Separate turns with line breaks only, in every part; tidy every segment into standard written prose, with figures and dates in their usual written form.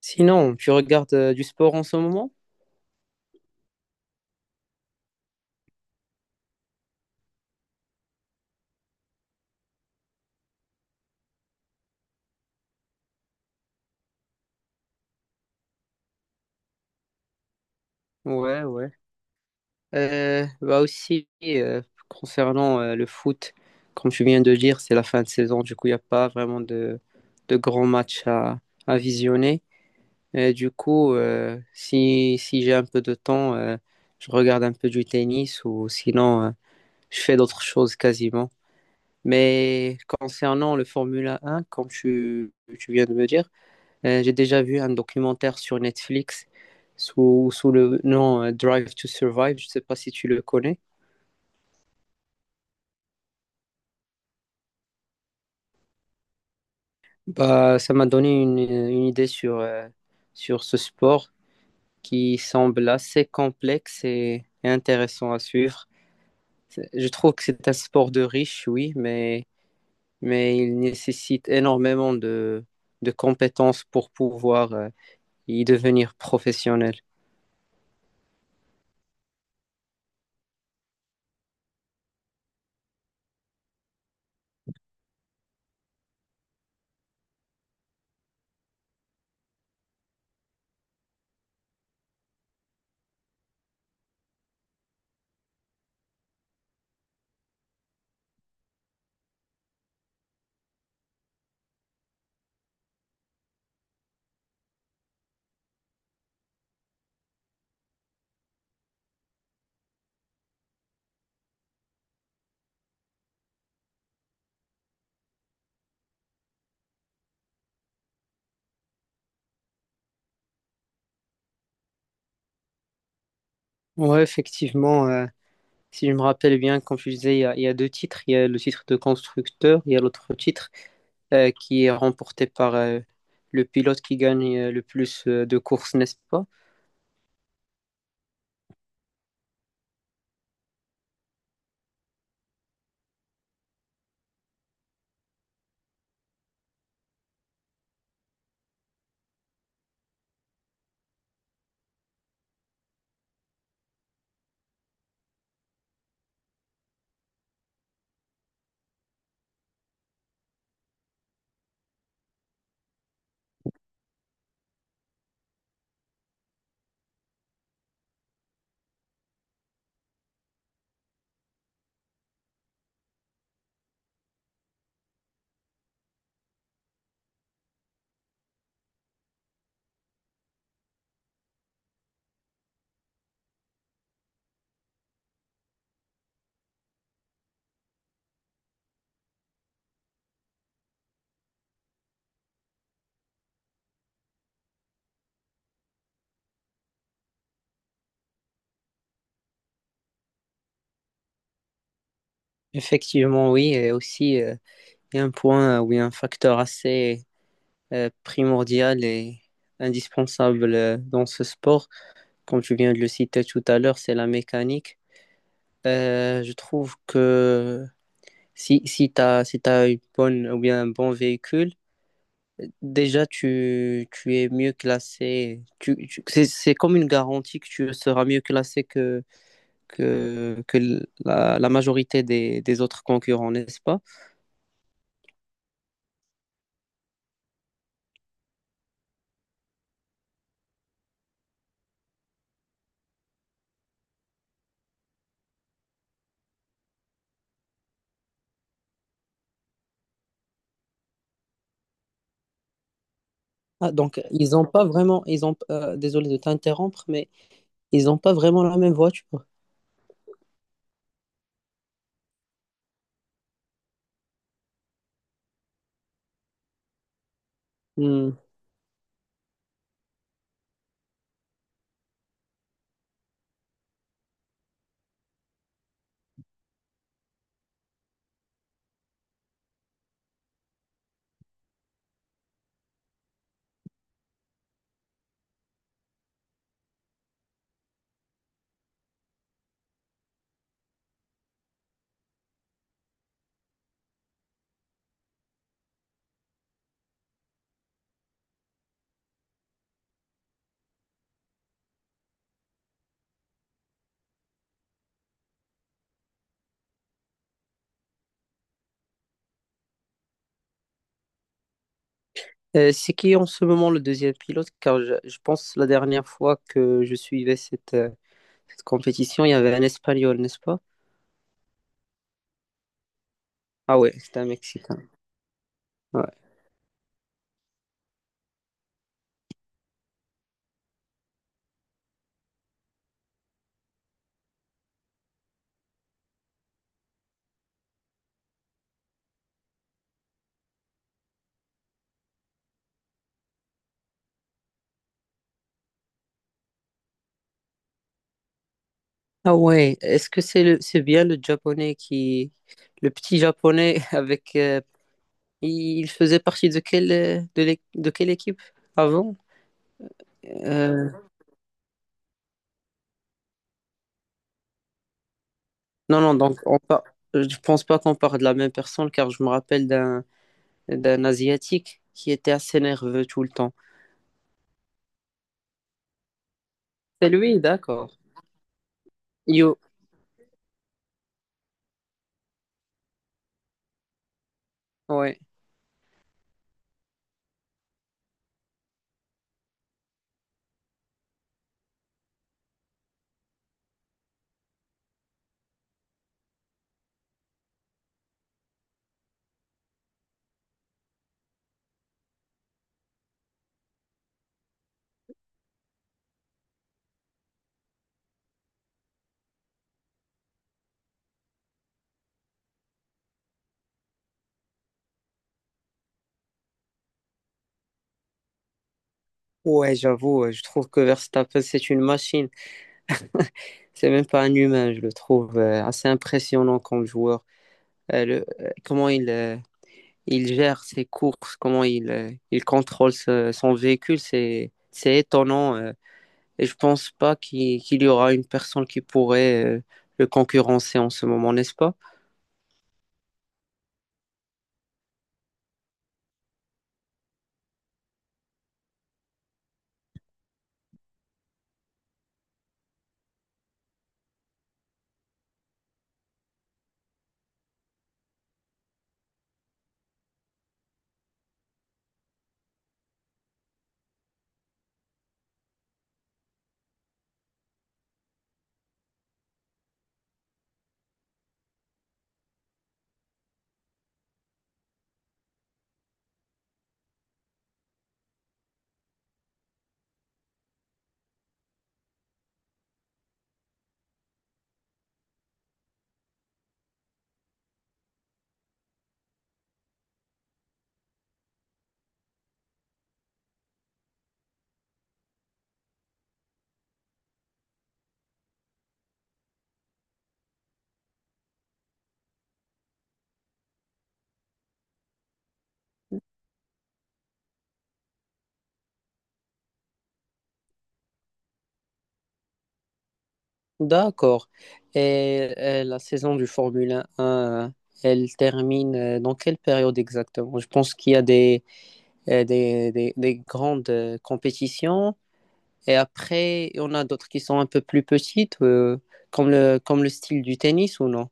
Sinon, tu regardes du sport en ce moment? Ouais, ouais. Bah aussi, concernant le foot, comme tu viens de dire, c'est la fin de saison, du coup, il n'y a pas vraiment de grands matchs à visionner. Et du coup, si j'ai un peu de temps, je regarde un peu du tennis ou sinon, je fais d'autres choses quasiment. Mais concernant le Formula 1, tu viens de me dire. J'ai déjà vu un documentaire sur Netflix sous le nom Drive to Survive. Je ne sais pas si tu le connais. Bah, ça m'a donné une idée sur, sur ce sport qui semble assez complexe et intéressant à suivre. Je trouve que c'est un sport de riche, oui, mais il nécessite énormément de compétences pour pouvoir y devenir professionnel. Oui, effectivement. Si je me rappelle bien, comme tu disais, il y a deux titres. Il y a le titre de constructeur, il y a l'autre titre qui est remporté par le pilote qui gagne le plus de courses, n'est-ce pas? Effectivement, oui. Et aussi, il y a un point où un facteur assez primordial et indispensable dans ce sport. Comme tu viens de le citer tout à l'heure, c'est la mécanique. Je trouve que si tu as, si t'as une bonne, ou bien un bon véhicule, déjà, tu es mieux classé. C'est comme une garantie que tu seras mieux classé que la majorité des autres concurrents, n'est-ce pas? Ah, donc, ils n'ont pas vraiment, ils ont, désolé de t'interrompre, mais ils n'ont pas vraiment la même voiture. Hmm. C'est qui en ce moment le deuxième pilote? Car je pense la dernière fois que je suivais cette, cette compétition, il y avait un Espagnol, n'est-ce pas? Ah ouais, c'était un Mexicain. Ouais. Ah ouais, est-ce que c'est bien le japonais qui, le petit japonais avec, il faisait partie de quelle, de quelle équipe avant? Euh, non, non, donc je pense pas qu'on parle de la même personne car je me rappelle d'un asiatique qui était assez nerveux tout le temps. C'est lui, d'accord. Yo, ouais. Ouais, j'avoue, ouais, je trouve que Verstappen, c'est une machine. C'est même pas un humain, je le trouve assez impressionnant comme joueur. Euh, le- euh, comment il, euh, il gère ses courses, il contrôle son véhicule, c'est étonnant. Et je pense pas qu'il y aura une personne qui pourrait le concurrencer en ce moment, n'est-ce pas? D'accord. Et, la saison du Formule 1, elle termine dans quelle période exactement? Je pense qu'il y a des, des grandes compétitions. Et après, on a d'autres qui sont un peu plus petites, comme comme le style du tennis ou non?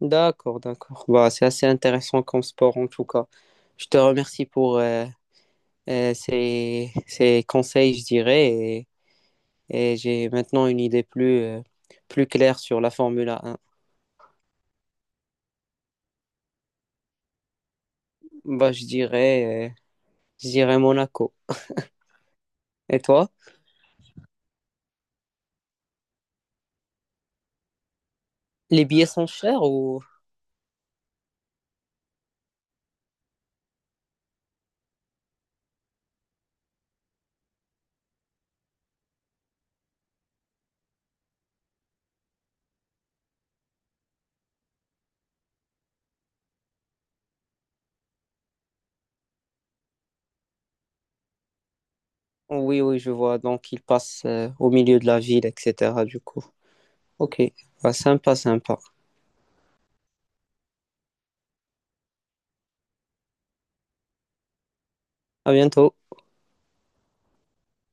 D'accord, d'accord. Bah, c'est assez intéressant comme sport en tout cas. Je te remercie pour ces, ces conseils, je dirais, et j'ai maintenant une idée plus, plus claire sur la Formule 1. Bah, je dirais Monaco. Et toi? Les billets sont chers ou... Oui, oui, je vois. Donc, ils passent au milieu de la ville, etc. Du coup. Ok. Bah, sympa, sympa. À bientôt.